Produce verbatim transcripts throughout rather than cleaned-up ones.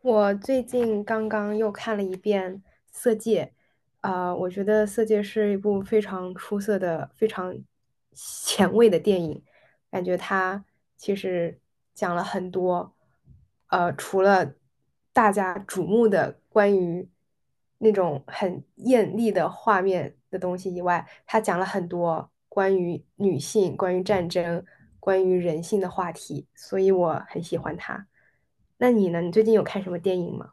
我最近刚刚又看了一遍《色戒》，啊、我觉得《色戒》是一部非常出色的、非常前卫的电影。感觉他其实讲了很多，呃，除了大家瞩目的关于那种很艳丽的画面的东西以外，他讲了很多关于女性、关于战争、关于人性的话题，所以我很喜欢他。那你呢？你最近有看什么电影吗？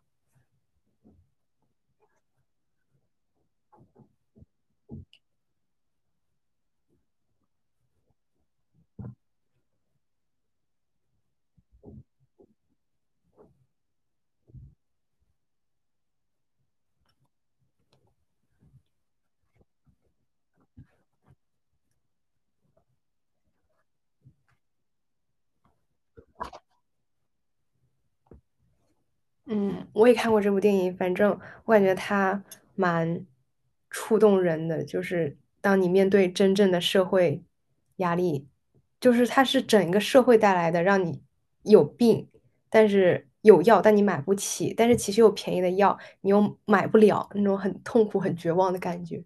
嗯，我也看过这部电影，反正我感觉它蛮触动人的，就是当你面对真正的社会压力，就是它是整个社会带来的，让你有病，但是有药，但你买不起，但是其实有便宜的药，你又买不了，那种很痛苦、很绝望的感觉。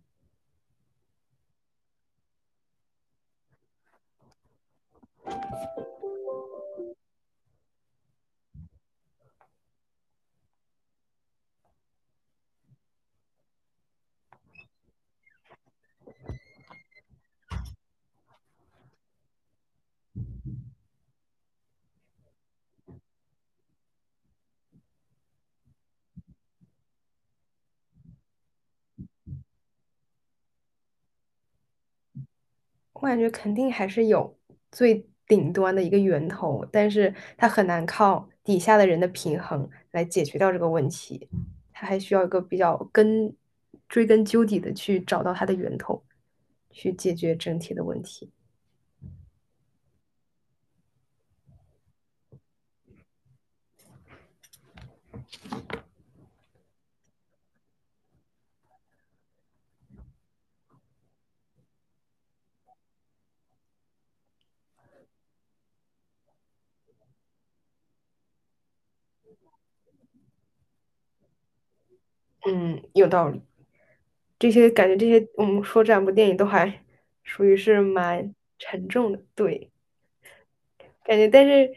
我感觉肯定还是有最顶端的一个源头，但是它很难靠底下的人的平衡来解决掉这个问题，它还需要一个比较根，追根究底的去找到它的源头，去解决整体的问题。嗯，有道理。这些感觉这些我们说这两部电影都还 属于是蛮沉重的，对。感觉，但是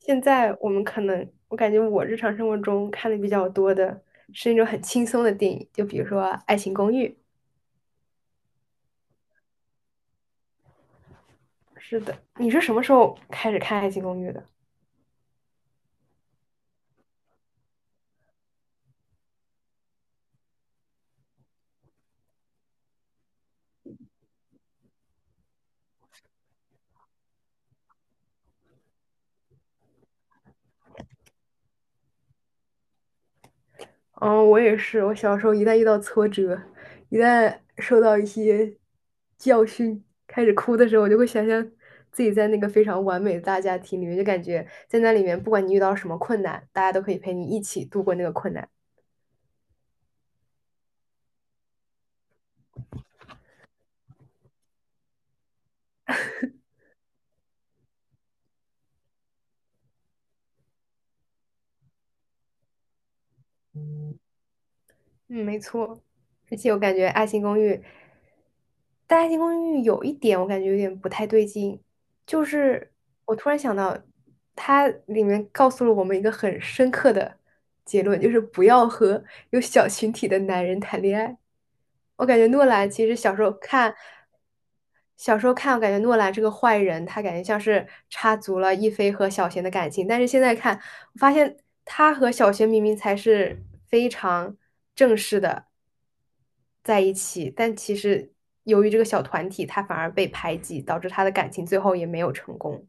现在我们可能，我感觉我日常生活中看的比较多的是那种很轻松的电影，就比如说《爱情公寓》。是的，你是什么时候开始看《爱情公寓》的？嗯，我也是，我小时候一旦遇到挫折，一旦受到一些教训，开始哭的时候，我就会想象自己在那个非常完美的大家庭里面，就感觉在那里面，不管你遇到什么困难，大家都可以陪你一起度过那个困难。嗯，没错。而且我感觉《爱情公寓》，但《爱情公寓》有一点我感觉有点不太对劲，就是我突然想到，它里面告诉了我们一个很深刻的结论，就是不要和有小群体的男人谈恋爱。我感觉诺兰其实小时候看，小时候看，我感觉诺兰这个坏人，他感觉像是插足了一菲和小贤的感情，但是现在看，我发现他和小贤明明才是非常正式的在一起，但其实由于这个小团体，他反而被排挤，导致他的感情最后也没有成功。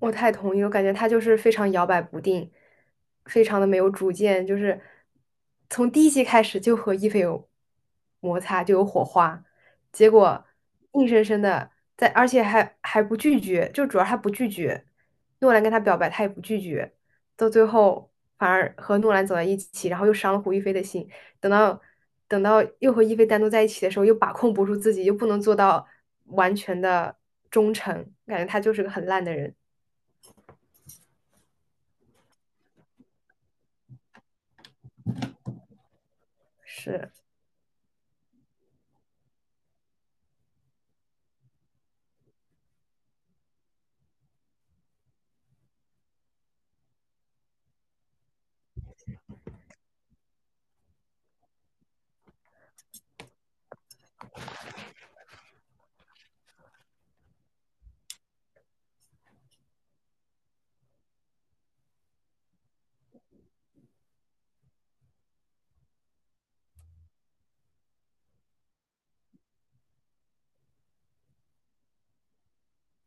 我太同意了我感觉他就是非常摇摆不定，非常的没有主见，就是从第一集开始就和伊菲有摩擦，就有火花，结果硬生生的在，而且还还不拒绝，就主要他不拒绝，诺兰跟他表白，他也不拒绝，到最后反而和诺兰走在一起，然后又伤了胡一菲的心，等到等到又和一菲单独在一起的时候，又把控不住自己，又不能做到完全的忠诚，感觉他就是个很烂的人。是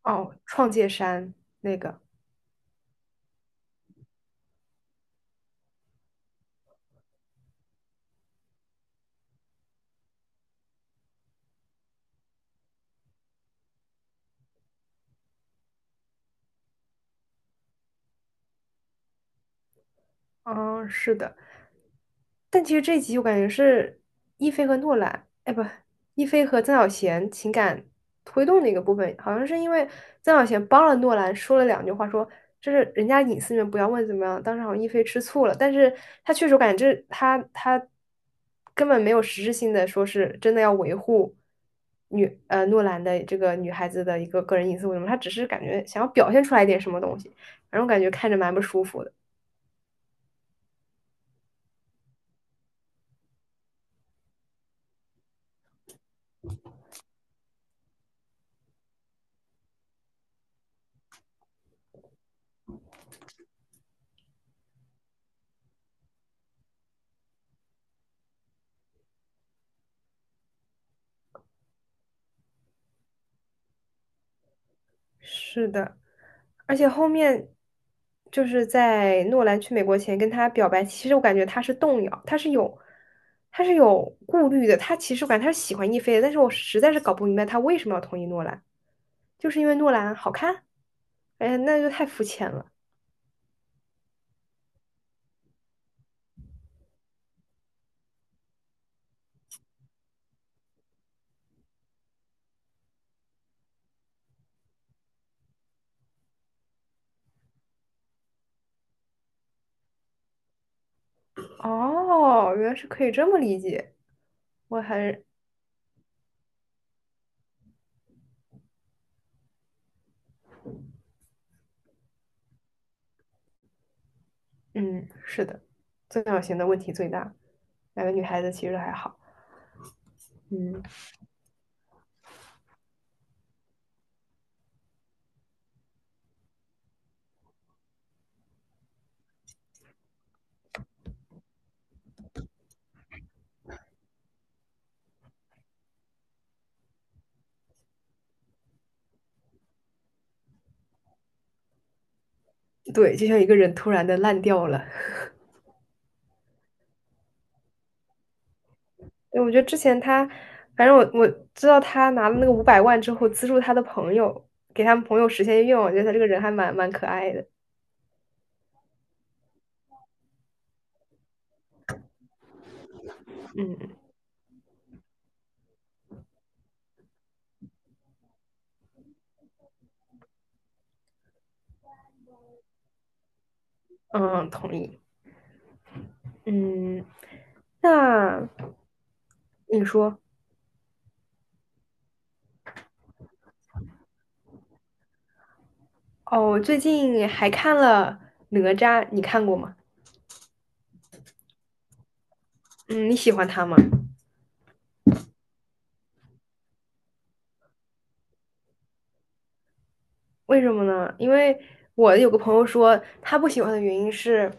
哦，创界山那个，嗯，是的，但其实这一集我感觉是一菲和诺兰，哎不，一菲和曾小贤情感推动的一个部分，好像是因为曾小贤帮了诺兰说了两句话说，这是人家隐私里面不要问怎么样。当时好像一菲吃醋了，但是他确实我感觉这他他根本没有实质性的说是真的要维护女呃诺兰的这个女孩子的一个个人隐私为什么，他只是感觉想要表现出来一点什么东西，反正我感觉看着蛮不舒服的。是的，而且后面就是在诺兰去美国前跟他表白，其实我感觉他是动摇，他是有他是有顾虑的，他其实我感觉他是喜欢亦菲的，但是我实在是搞不明白他为什么要同意诺兰，就是因为诺兰好看？哎呀那就太肤浅了。哦，原来是可以这么理解，我还嗯是的，自小型的问题最大，两个女孩子其实还好，嗯，对，就像一个人突然的烂掉了。对，我觉得之前他，反正我我知道他拿了那个五百万之后，资助他的朋友，给他们朋友实现愿望，我觉得他这个人还蛮蛮可爱的。嗯嗯，同意。嗯，那你说，哦，我最近还看了《哪吒》，你看过吗？嗯，你喜欢他吗？为什么呢？因为我有个朋友说，他不喜欢的原因是，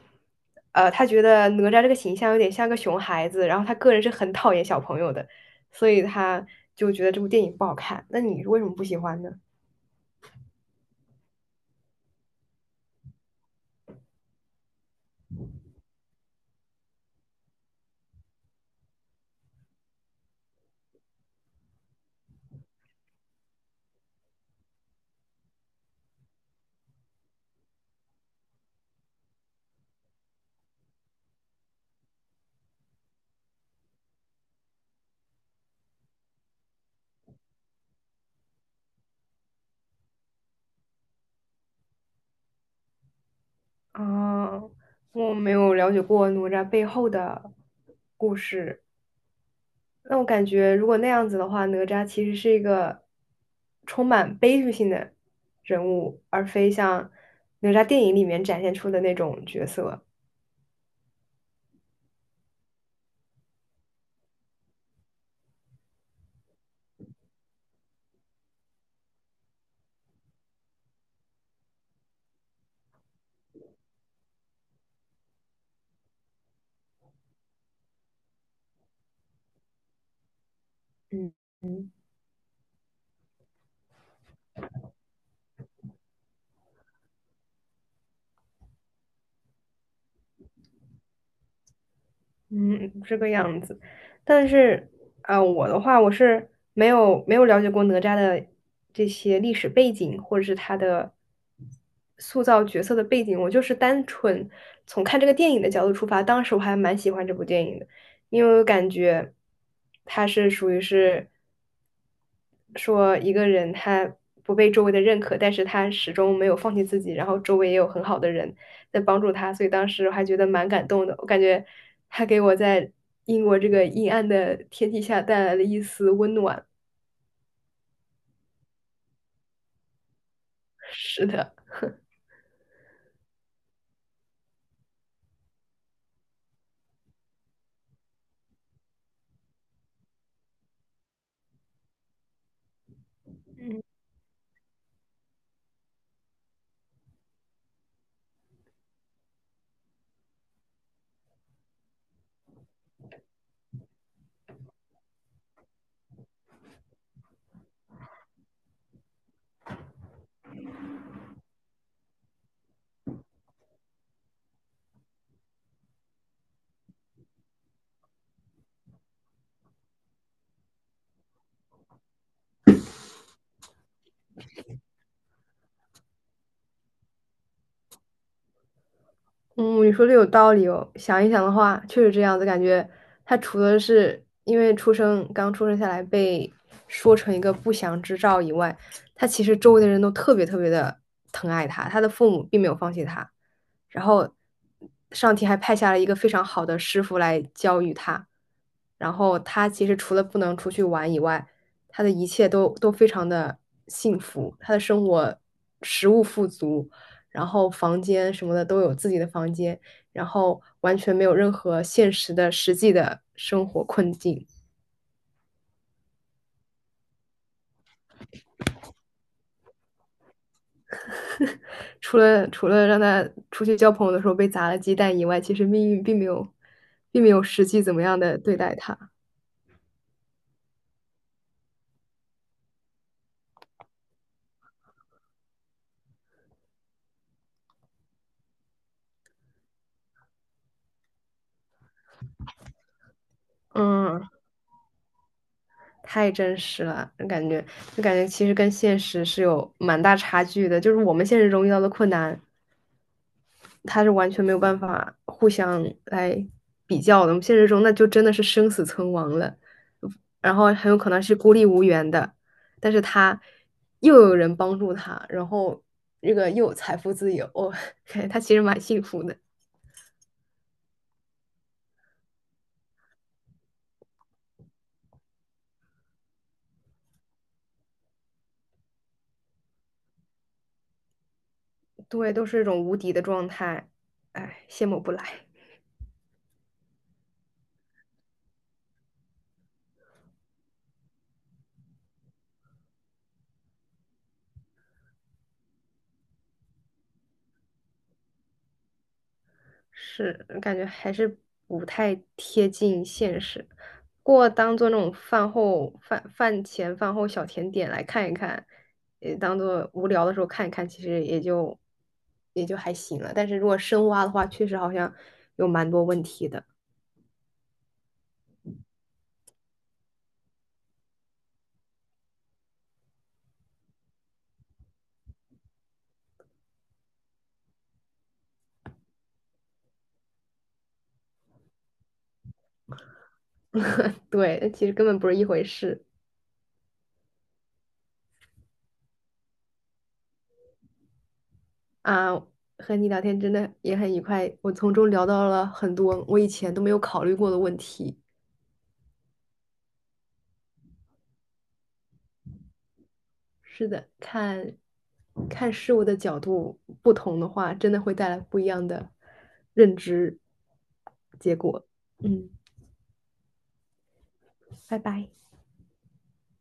呃，他觉得哪吒这个形象有点像个熊孩子，然后他个人是很讨厌小朋友的，所以他就觉得这部电影不好看。那你为什么不喜欢呢？啊，我没有了解过哪吒背后的故事。那我感觉，如果那样子的话，哪吒其实是一个充满悲剧性的人物，而非像哪吒电影里面展现出的那种角色。嗯，这个样子。但是，啊，我的话，我是没有没有了解过哪吒的这些历史背景，或者是他的塑造角色的背景。我就是单纯从看这个电影的角度出发，当时我还蛮喜欢这部电影的，因为我感觉它是属于是。说一个人他不被周围的认可，但是他始终没有放弃自己，然后周围也有很好的人在帮助他，所以当时我还觉得蛮感动的。我感觉他给我在英国这个阴暗的天气下带来了一丝温暖。是的。嗯，你说的有道理哦。想一想的话，确实这样子，感觉他除了是因为出生刚出生下来被说成一个不祥之兆以外，他其实周围的人都特别特别的疼爱他，他的父母并没有放弃他，然后上天还派下了一个非常好的师傅来教育他，然后他其实除了不能出去玩以外，他的一切都都非常的幸福，他的生活食物富足。然后房间什么的都有自己的房间，然后完全没有任何现实的实际的生活困境。除了除了让他出去交朋友的时候被砸了鸡蛋以外，其实命运并没有并没有实际怎么样的对待他。嗯，太真实了，感觉就感觉其实跟现实是有蛮大差距的，就是我们现实中遇到的困难。他是完全没有办法互相来比较的。我们现实中那就真的是生死存亡了，然后很有可能是孤立无援的。但是他又有人帮助他，然后这个又有财富自由，哦他其实蛮幸福的。对，都是一种无敌的状态，哎，羡慕不来。是，感觉还是不太贴近现实。不过当做那种饭后饭饭前饭后小甜点来看一看，也当做无聊的时候看一看，其实也就也就还行了。但是如果深挖的话，确实好像有蛮多问题的。对，其实根本不是一回事啊。和你聊天真的也很愉快，我从中聊到了很多我以前都没有考虑过的问题。是的，看看事物的角度不同的话，真的会带来不一样的认知结果。嗯，拜拜。